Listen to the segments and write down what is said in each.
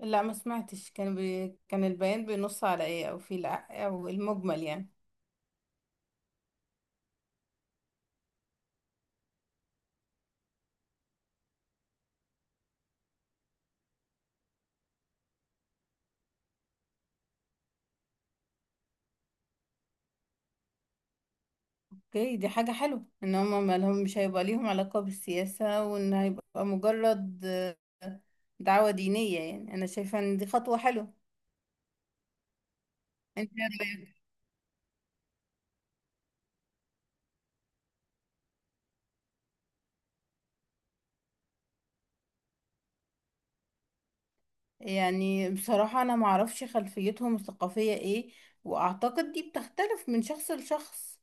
لا، ما سمعتش. كان البيان بينص على ايه، او في الع... او المجمل يعني؟ اوكي، دي حاجة حلوة ان هم ما لهم مش هيبقى ليهم علاقة بالسياسة، وان هيبقى مجرد دعوة دينية. يعني انا شايفة ان دي خطوة حلوة. انت؟ يعني بصراحة انا معرفش خلفيتهم الثقافية ايه، واعتقد دي بتختلف من شخص لشخص.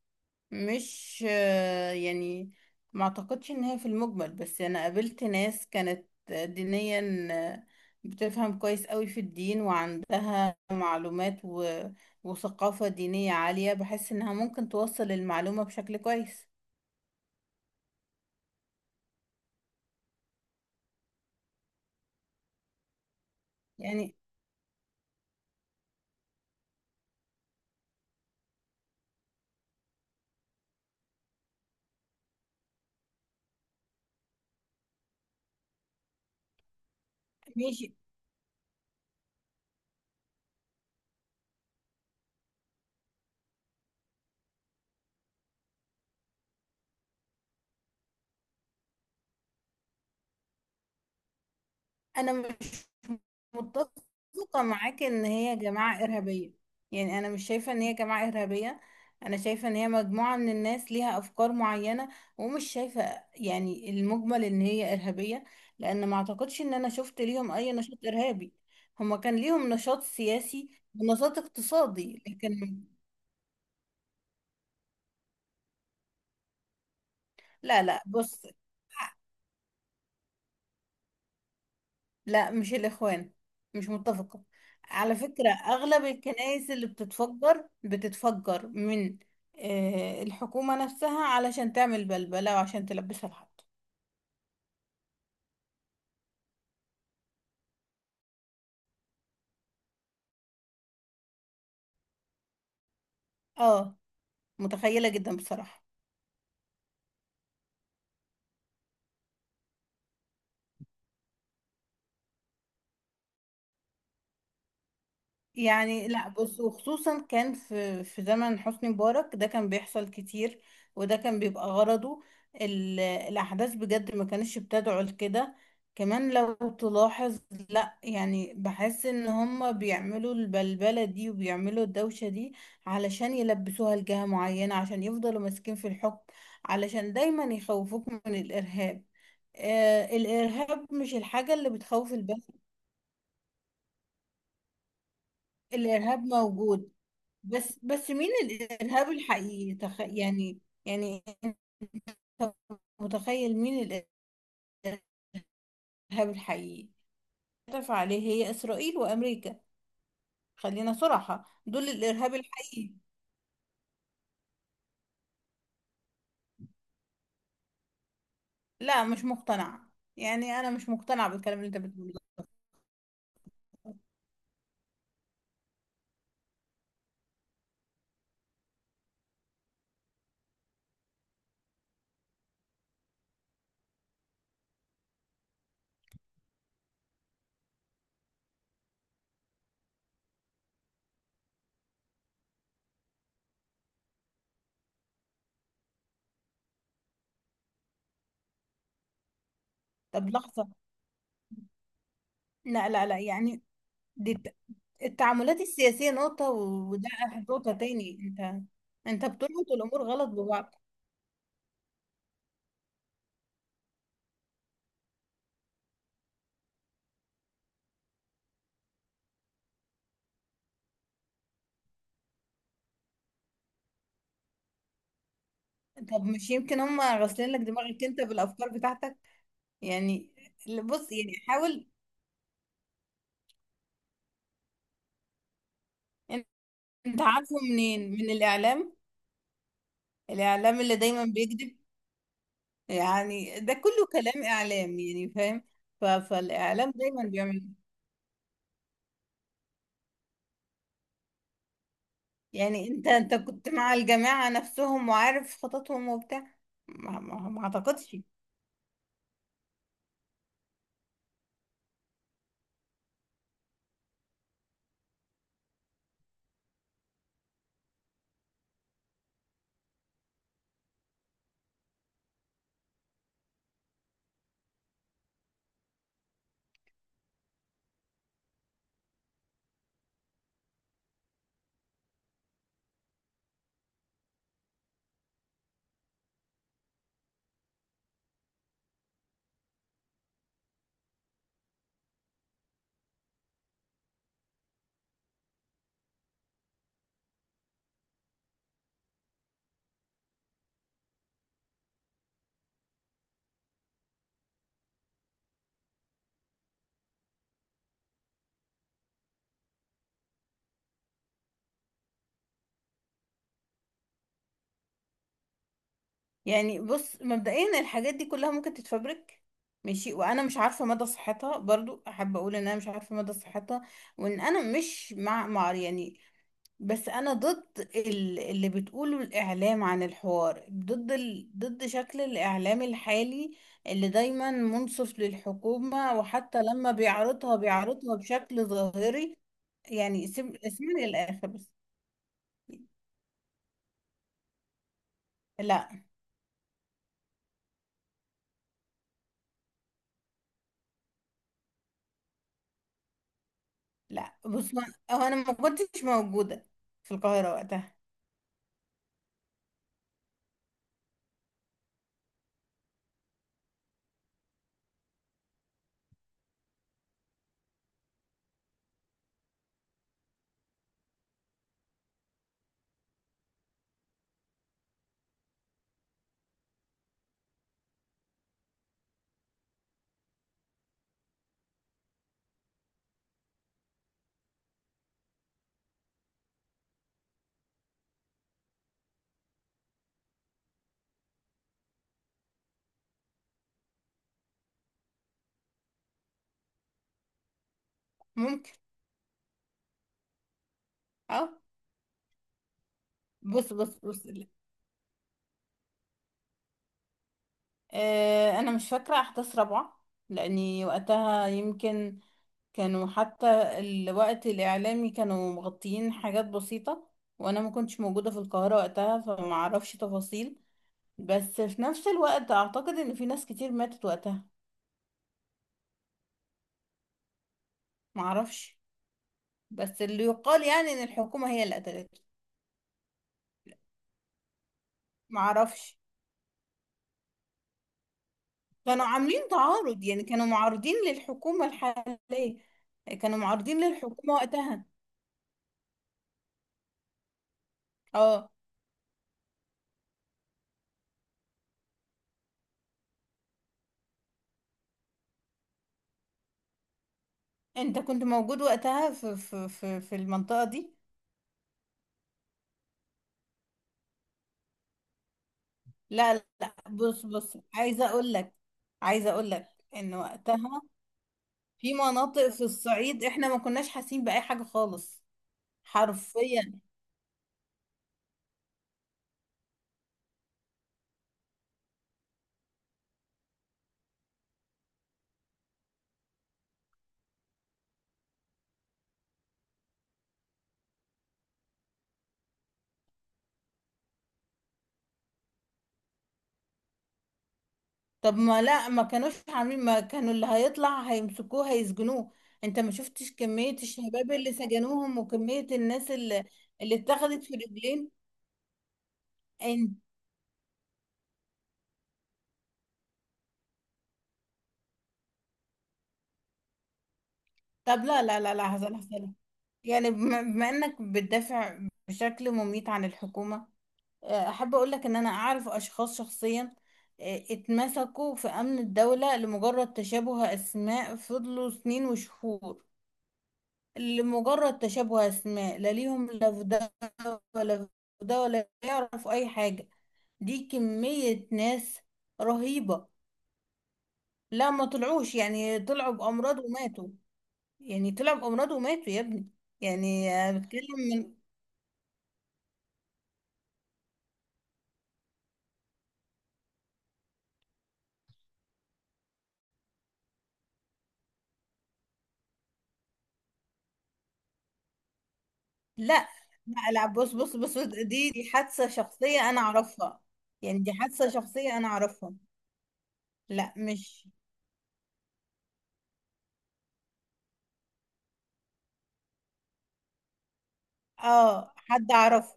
مش يعني ما اعتقدش ان هي في المجمل، بس انا قابلت ناس كانت دينيا، آه، بتفهم كويس قوي في الدين وعندها معلومات وثقافة دينية عالية. بحس انها ممكن توصل المعلومة بشكل كويس. يعني ماشي، انا مش متفقه معاك ان هي جماعه ارهابيه. يعني انا مش شايفه ان هي جماعه ارهابيه، انا شايفه ان هي مجموعه من الناس ليها افكار معينه، ومش شايفه يعني المجمل ان هي ارهابيه، لان ما اعتقدش ان انا شفت ليهم اي نشاط ارهابي. هما كان ليهم نشاط سياسي ونشاط اقتصادي لكن. لا، بص. لا مش الإخوان، مش متفقة. على فكرة، أغلب الكنائس اللي بتتفجر بتتفجر من الحكومة نفسها، علشان تعمل بلبلة وعشان تلبسها لحد. اه، متخيلة جدا بصراحة. يعني لا بص، وخصوصا كان في زمن حسني مبارك ده كان بيحصل كتير، وده كان بيبقى غرضه. الأحداث بجد ما كانتش بتدعو لكده. كمان لو تلاحظ، لا يعني بحس ان هما بيعملوا البلبلة دي وبيعملوا الدوشة دي علشان يلبسوها لجهة معينة، عشان يفضلوا ماسكين في الحكم، علشان دايما يخوفوك من الإرهاب. آه، الإرهاب مش الحاجة اللي بتخوف البشر. الإرهاب موجود، بس مين الإرهاب الحقيقي؟ تخ... يعني يعني أنت متخيل مين الإرهاب الحقيقي؟ اتفق عليه، هي إسرائيل وأمريكا. خلينا صراحة، دول الإرهاب الحقيقي. لا مش مقتنعة. يعني أنا مش مقتنعة بالكلام اللي أنت بتقوله ده. طب لحظة. لا يعني دي الت- التعاملات السياسية نقطة، وده نقطة تاني. أنت أنت بتربط الأمور غلط ببعض. طب مش يمكن هم غاسلين لك دماغك أنت بالأفكار بتاعتك؟ يعني بص، يعني حاول. انت عارفه منين، من الاعلام؟ الاعلام اللي دايما بيكذب. يعني ده كله كلام اعلام، يعني فاهم؟ فالاعلام دايما بيعمل، يعني انت كنت مع الجماعة نفسهم وعارف خططهم وبتاع؟ ما اعتقدش. يعني بص، مبدئيا الحاجات دي كلها ممكن تتفبرك، ماشي. وانا مش عارفه مدى صحتها، برضو احب اقول ان انا مش عارفه مدى صحتها، وان انا مش مع يعني. بس انا ضد اللي بتقوله الاعلام عن الحوار، ضد ضد شكل الاعلام الحالي، اللي دايما منصف للحكومة، وحتى لما بيعرضها بيعرضها بشكل ظاهري. يعني اسمعني للاخر بس. لا لا بص، هو انا ما كنتش موجودة في القاهرة وقتها. ممكن. اه. بص. آه انا مش فاكرة احداث رابعة، لاني وقتها يمكن كانوا حتى الوقت الإعلامي كانوا مغطيين حاجات بسيطة، وأنا ما كنتش موجودة في القاهرة وقتها، فما أعرفش تفاصيل. بس في نفس الوقت أعتقد إن في ناس كتير ماتت وقتها. ما أعرفش. بس اللي يقال يعني إن الحكومة هي اللي قتلته. ما أعرفش. كانوا عاملين تعارض، يعني كانوا معارضين للحكومة الحالية، كانوا معارضين للحكومة وقتها. اه. انت كنت موجود وقتها في المنطقة دي؟ لا لا بص بص، عايزه اقول لك، عايزه اقول لك ان وقتها في مناطق في الصعيد احنا ما كناش حاسين باي حاجه خالص، حرفيا. طب ما لا، ما كانوش عاملين، ما كانوا اللي هيطلع هيمسكوه هيسجنوه. انت ما شفتش كميه الشباب اللي سجنوهم وكميه الناس اللي اللي اتخذت في رجلين؟ انت طب لا، هزل هزل. يعني بما انك بتدافع بشكل مميت عن الحكومه، احب اقول لك ان انا اعرف اشخاص شخصيا اتمسكوا في امن الدولة لمجرد تشابه اسماء، فضلوا سنين وشهور، لمجرد تشابه اسماء، لا ليهم لا في ده ولا في ده، ولا يعرفوا اي حاجة. دي كمية ناس رهيبة. لا ما طلعوش، يعني طلعوا بامراض وماتوا، يعني طلعوا بامراض وماتوا يا ابني. يعني بتكلم من، لا لا بص بص، دي حادثة شخصية أنا أعرفها، يعني دي حادثة شخصية أنا أعرفها. لا مش، اه حد أعرفه.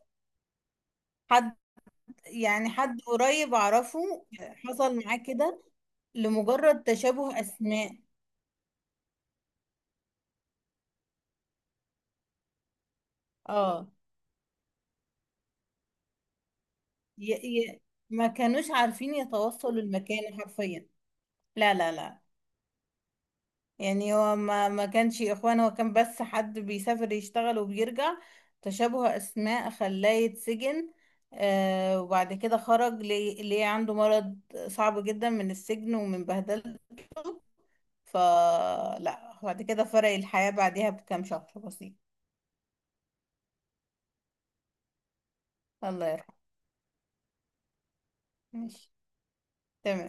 حد، يعني حد قريب أعرفه، حصل معاه كده، لمجرد تشابه أسماء. اه. ي... ي... ما كانوش عارفين يتوصلوا المكان حرفيا. لا يعني، هو ما كانش اخوان، هو كان بس حد بيسافر يشتغل وبيرجع، تشابه اسماء خلاه يتسجن. آه، وبعد كده خرج، ليه عنده مرض صعب جدا من السجن ومن بهدلته. فلا، بعد كده فرق الحياة بعدها بكام شهر بسيط. الله يرحمه. ماشي، تمام.